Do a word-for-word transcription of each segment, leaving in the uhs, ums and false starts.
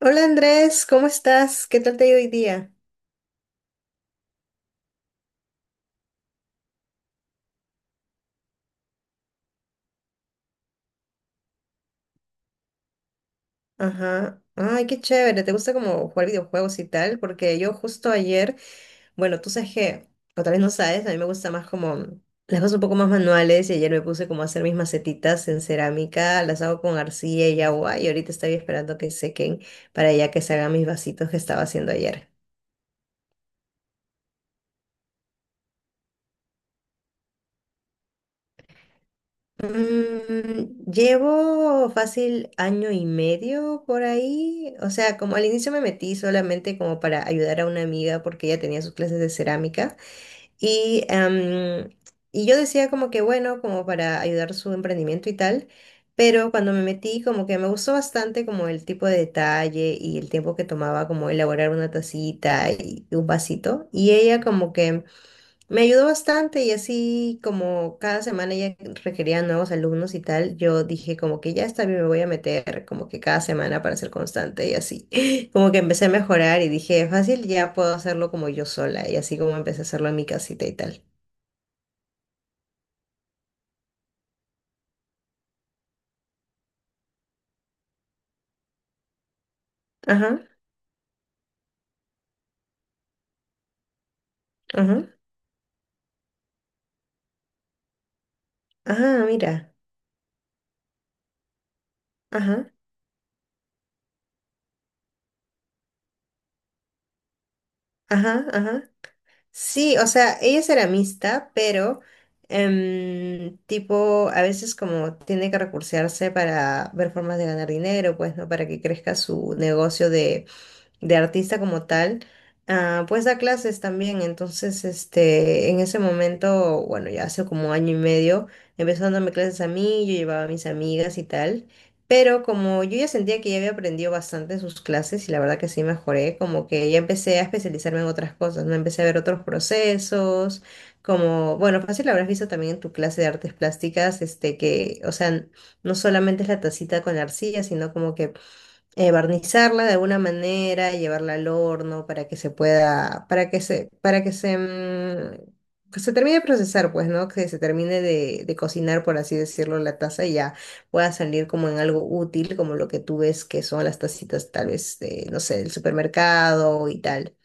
Hola Andrés, ¿cómo estás? ¿Qué tal te ha ido hoy día? Ajá. Ay, qué chévere. ¿Te gusta como jugar videojuegos y tal? Porque yo justo ayer, bueno, tú sabes que, o tal vez no sabes, a mí me gusta más como las cosas un poco más manuales y ayer me puse como a hacer mis macetitas en cerámica, las hago con arcilla y agua y ahorita estoy esperando que sequen para ya que se hagan mis vasitos que estaba haciendo ayer. Mm, llevo fácil año y medio por ahí. O sea, como al inicio me metí solamente como para ayudar a una amiga porque ella tenía sus clases de cerámica. Y, em, y yo decía como que bueno, como para ayudar su emprendimiento y tal. Pero cuando me metí como que me gustó bastante como el tipo de detalle y el tiempo que tomaba como elaborar una tacita y un vasito. Y ella como que... Me ayudó bastante y así como cada semana ella requería nuevos alumnos y tal, yo dije como que ya está bien, me voy a meter como que cada semana para ser constante y así. Como que empecé a mejorar y dije, fácil, ya puedo hacerlo como yo sola y así como empecé a hacerlo en mi casita y tal. Ajá, ajá, ajá, mira, ajá, ajá, ajá. Sí, o sea, ella es ceramista, pero em, tipo, a veces como tiene que recursearse para ver formas de ganar dinero, pues, ¿no? Para que crezca su negocio de artista como tal, ah, pues da clases también. Entonces, este, en ese momento, bueno, ya hace como año y medio, empezó dándome clases a mí, yo llevaba a mis amigas y tal. Pero como yo ya sentía que ya había aprendido bastante en sus clases y la verdad que sí mejoré, como que ya empecé a especializarme en otras cosas, ¿no? Empecé a ver otros procesos, como, bueno, fácil habrás visto también en tu clase de artes plásticas, este, que, o sea, no solamente es la tacita con la arcilla, sino como que eh, barnizarla de alguna manera, llevarla al horno para que se pueda, para que se, para que se, mm, que se termine de procesar, pues, ¿no? Que se termine de, de cocinar, por así decirlo, la taza y ya pueda salir como en algo útil, como lo que tú ves que son las tacitas, tal vez, de, no sé, del supermercado y tal.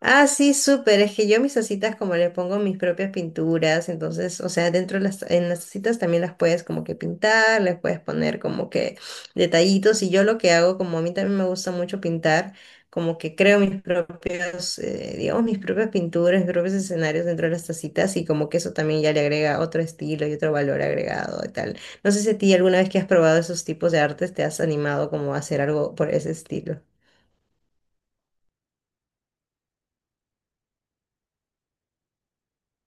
Ah, sí, súper. Es que yo mis tacitas como le pongo mis propias pinturas, entonces, o sea, dentro de las, en las tacitas también las puedes como que pintar, les puedes poner como que detallitos y yo lo que hago, como a mí también me gusta mucho pintar, como que creo mis propios, eh, digamos, mis propias pinturas, mis propios escenarios dentro de las tacitas y como que eso también ya le agrega otro estilo y otro valor agregado y tal. No sé si a ti alguna vez que has probado esos tipos de artes te has animado como a hacer algo por ese estilo.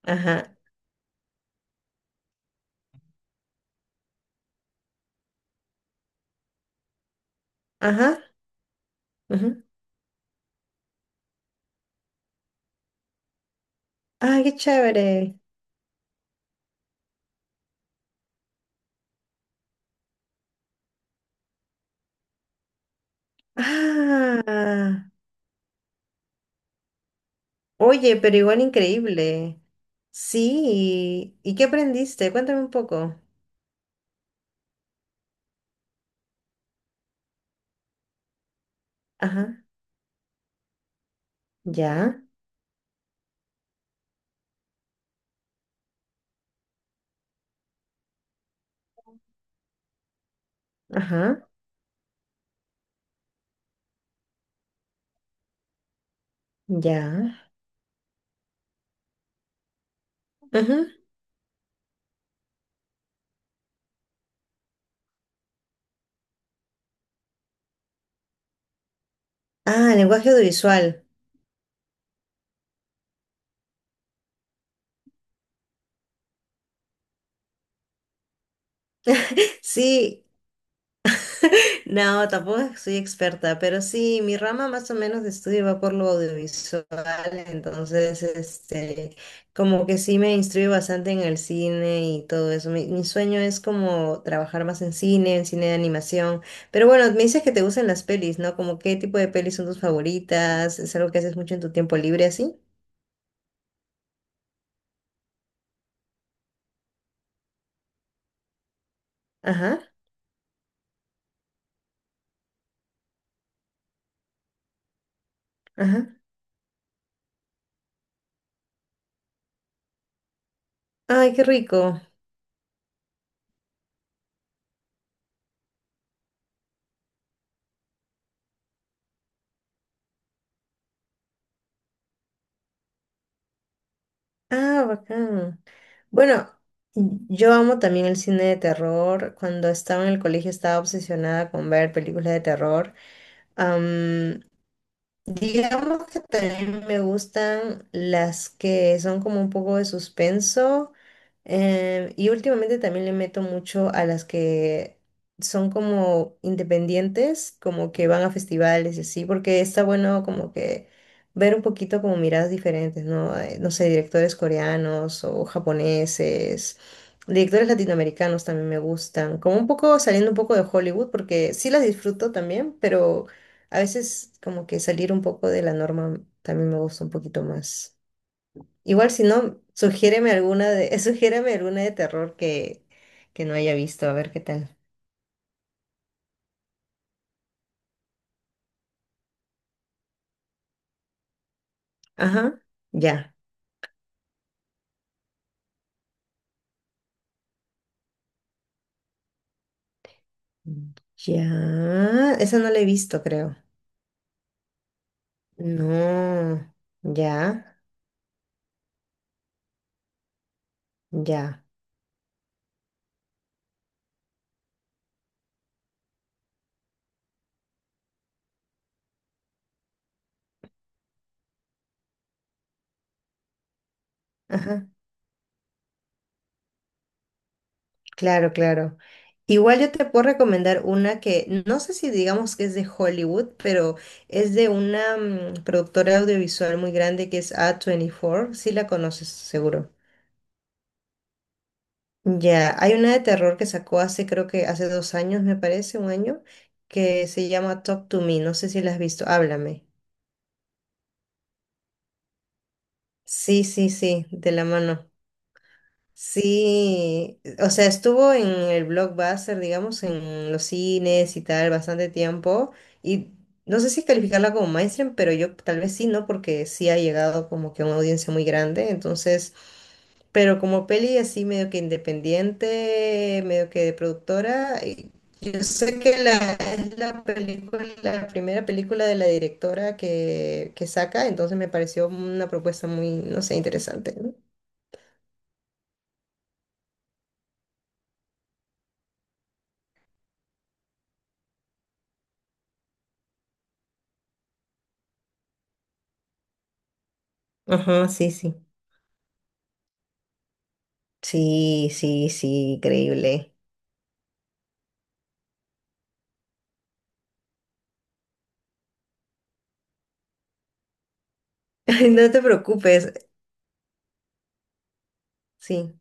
Ajá, ajá. Ah, qué chévere. Ah, oye, pero igual increíble. Sí. ¿Y qué aprendiste? Cuéntame un poco. Ajá. Ya. Ajá. Ya. Ajá. Ah, lenguaje audiovisual. Sí, no, tampoco soy experta, pero sí, mi rama más o menos de estudio va por lo audiovisual, entonces, este, como que sí me instruyo bastante en el cine y todo eso. Mi, mi sueño es como trabajar más en cine, en cine de animación. Pero bueno, me dices que te gustan las pelis, ¿no? Como qué tipo de pelis son tus favoritas, es algo que haces mucho en tu tiempo libre así. Ajá, ajá. Ay, qué rico. Ah, bacán. Bueno, yo amo también el cine de terror. Cuando estaba en el colegio estaba obsesionada con ver películas de terror. Digamos que también me gustan las que son como un poco de suspenso em, y últimamente también le meto mucho a las que, son como independientes, como que van a festivales y así, porque está bueno como que ver un poquito como miradas diferentes, ¿no? Eh, No sé, directores coreanos o japoneses, directores latinoamericanos también me gustan, como un poco saliendo un poco de Hollywood, porque sí las disfruto también, pero a veces como que salir un poco de la norma también me gusta un poquito más. Igual si no, sugiéreme alguna de, sugiéreme alguna de terror que, que no haya visto, a ver qué tal. Ajá, ya. Ya, esa no la he visto, creo. No, ya, ya. Ajá. Claro, claro. Igual yo te puedo recomendar una que no sé si digamos que es de Hollywood, pero es de una mm, productora audiovisual muy grande que es A veinticuatro. Sí la conoces, seguro. Ya, hay una de terror que sacó hace, creo que hace dos años, me parece, un año, que se llama Talk to Me. No sé si la has visto. Háblame. Sí, sí, sí, de la mano. Sí, o sea, estuvo en el Blockbuster, digamos, en los cines y tal, bastante tiempo. Y no sé si calificarla como mainstream, pero yo tal vez sí, ¿no? Porque sí ha llegado como que a una audiencia muy grande. Entonces, pero como peli así medio que independiente, medio que de productora, y yo sé que la, es la película, la primera película de la directora que, que saca, entonces me pareció una propuesta muy, no sé, interesante, ¿no? Ajá, sí, sí. Sí, sí, sí, increíble. Ay, no te preocupes, sí.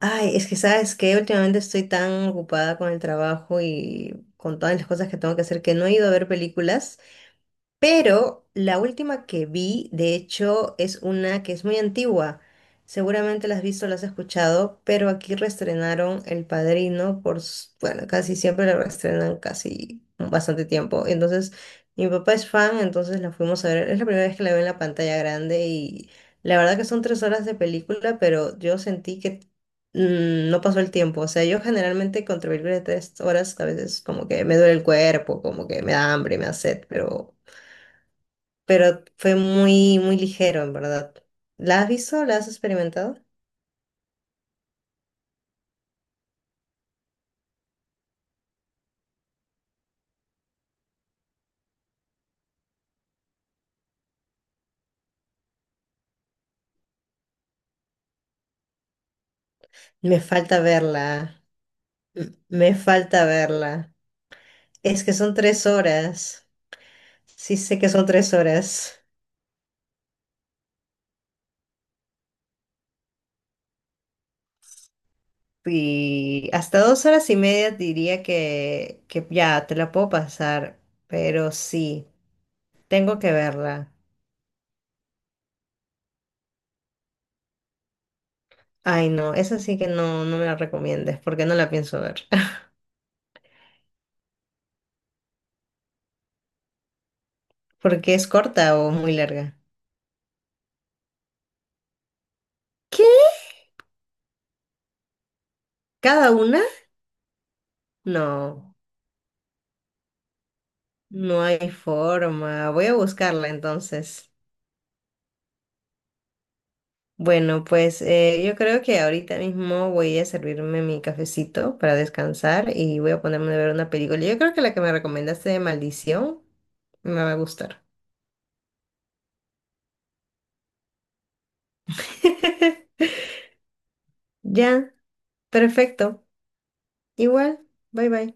Ay, es que sabes que últimamente estoy tan ocupada con el trabajo y con todas las cosas que tengo que hacer que no he ido a ver películas. Pero la última que vi, de hecho, es una que es muy antigua. Seguramente la has visto, la has escuchado, pero aquí reestrenaron El Padrino por, s- bueno, casi siempre la reestrenan casi bastante tiempo. Entonces, mi papá es fan, entonces la fuimos a ver. Es la primera vez que la veo en la pantalla grande y la verdad que son tres horas de película, pero yo sentí que mm, no pasó el tiempo. O sea, yo generalmente con películas de tres horas a veces como que me duele el cuerpo, como que me da hambre, me da sed, pero pero fue muy, muy ligero, en verdad. ¿La has visto? ¿La has experimentado? Me falta verla. M- Me falta verla. Es que son tres horas. Sí, sé que son tres horas. Y hasta dos horas y media diría que, que ya te la puedo pasar. Pero sí, tengo que verla. Ay, no, esa sí que no, no me la recomiendes porque no la pienso ver. Porque es corta o muy larga. ¿Qué? ¿Cada una? No, no hay forma. Voy a buscarla entonces. Bueno, pues eh, yo creo que ahorita mismo voy a servirme mi cafecito para descansar y voy a ponerme a ver una película. Yo creo que la que me recomendaste de Maldición me va a gustar. Ya, perfecto. Igual, bye bye.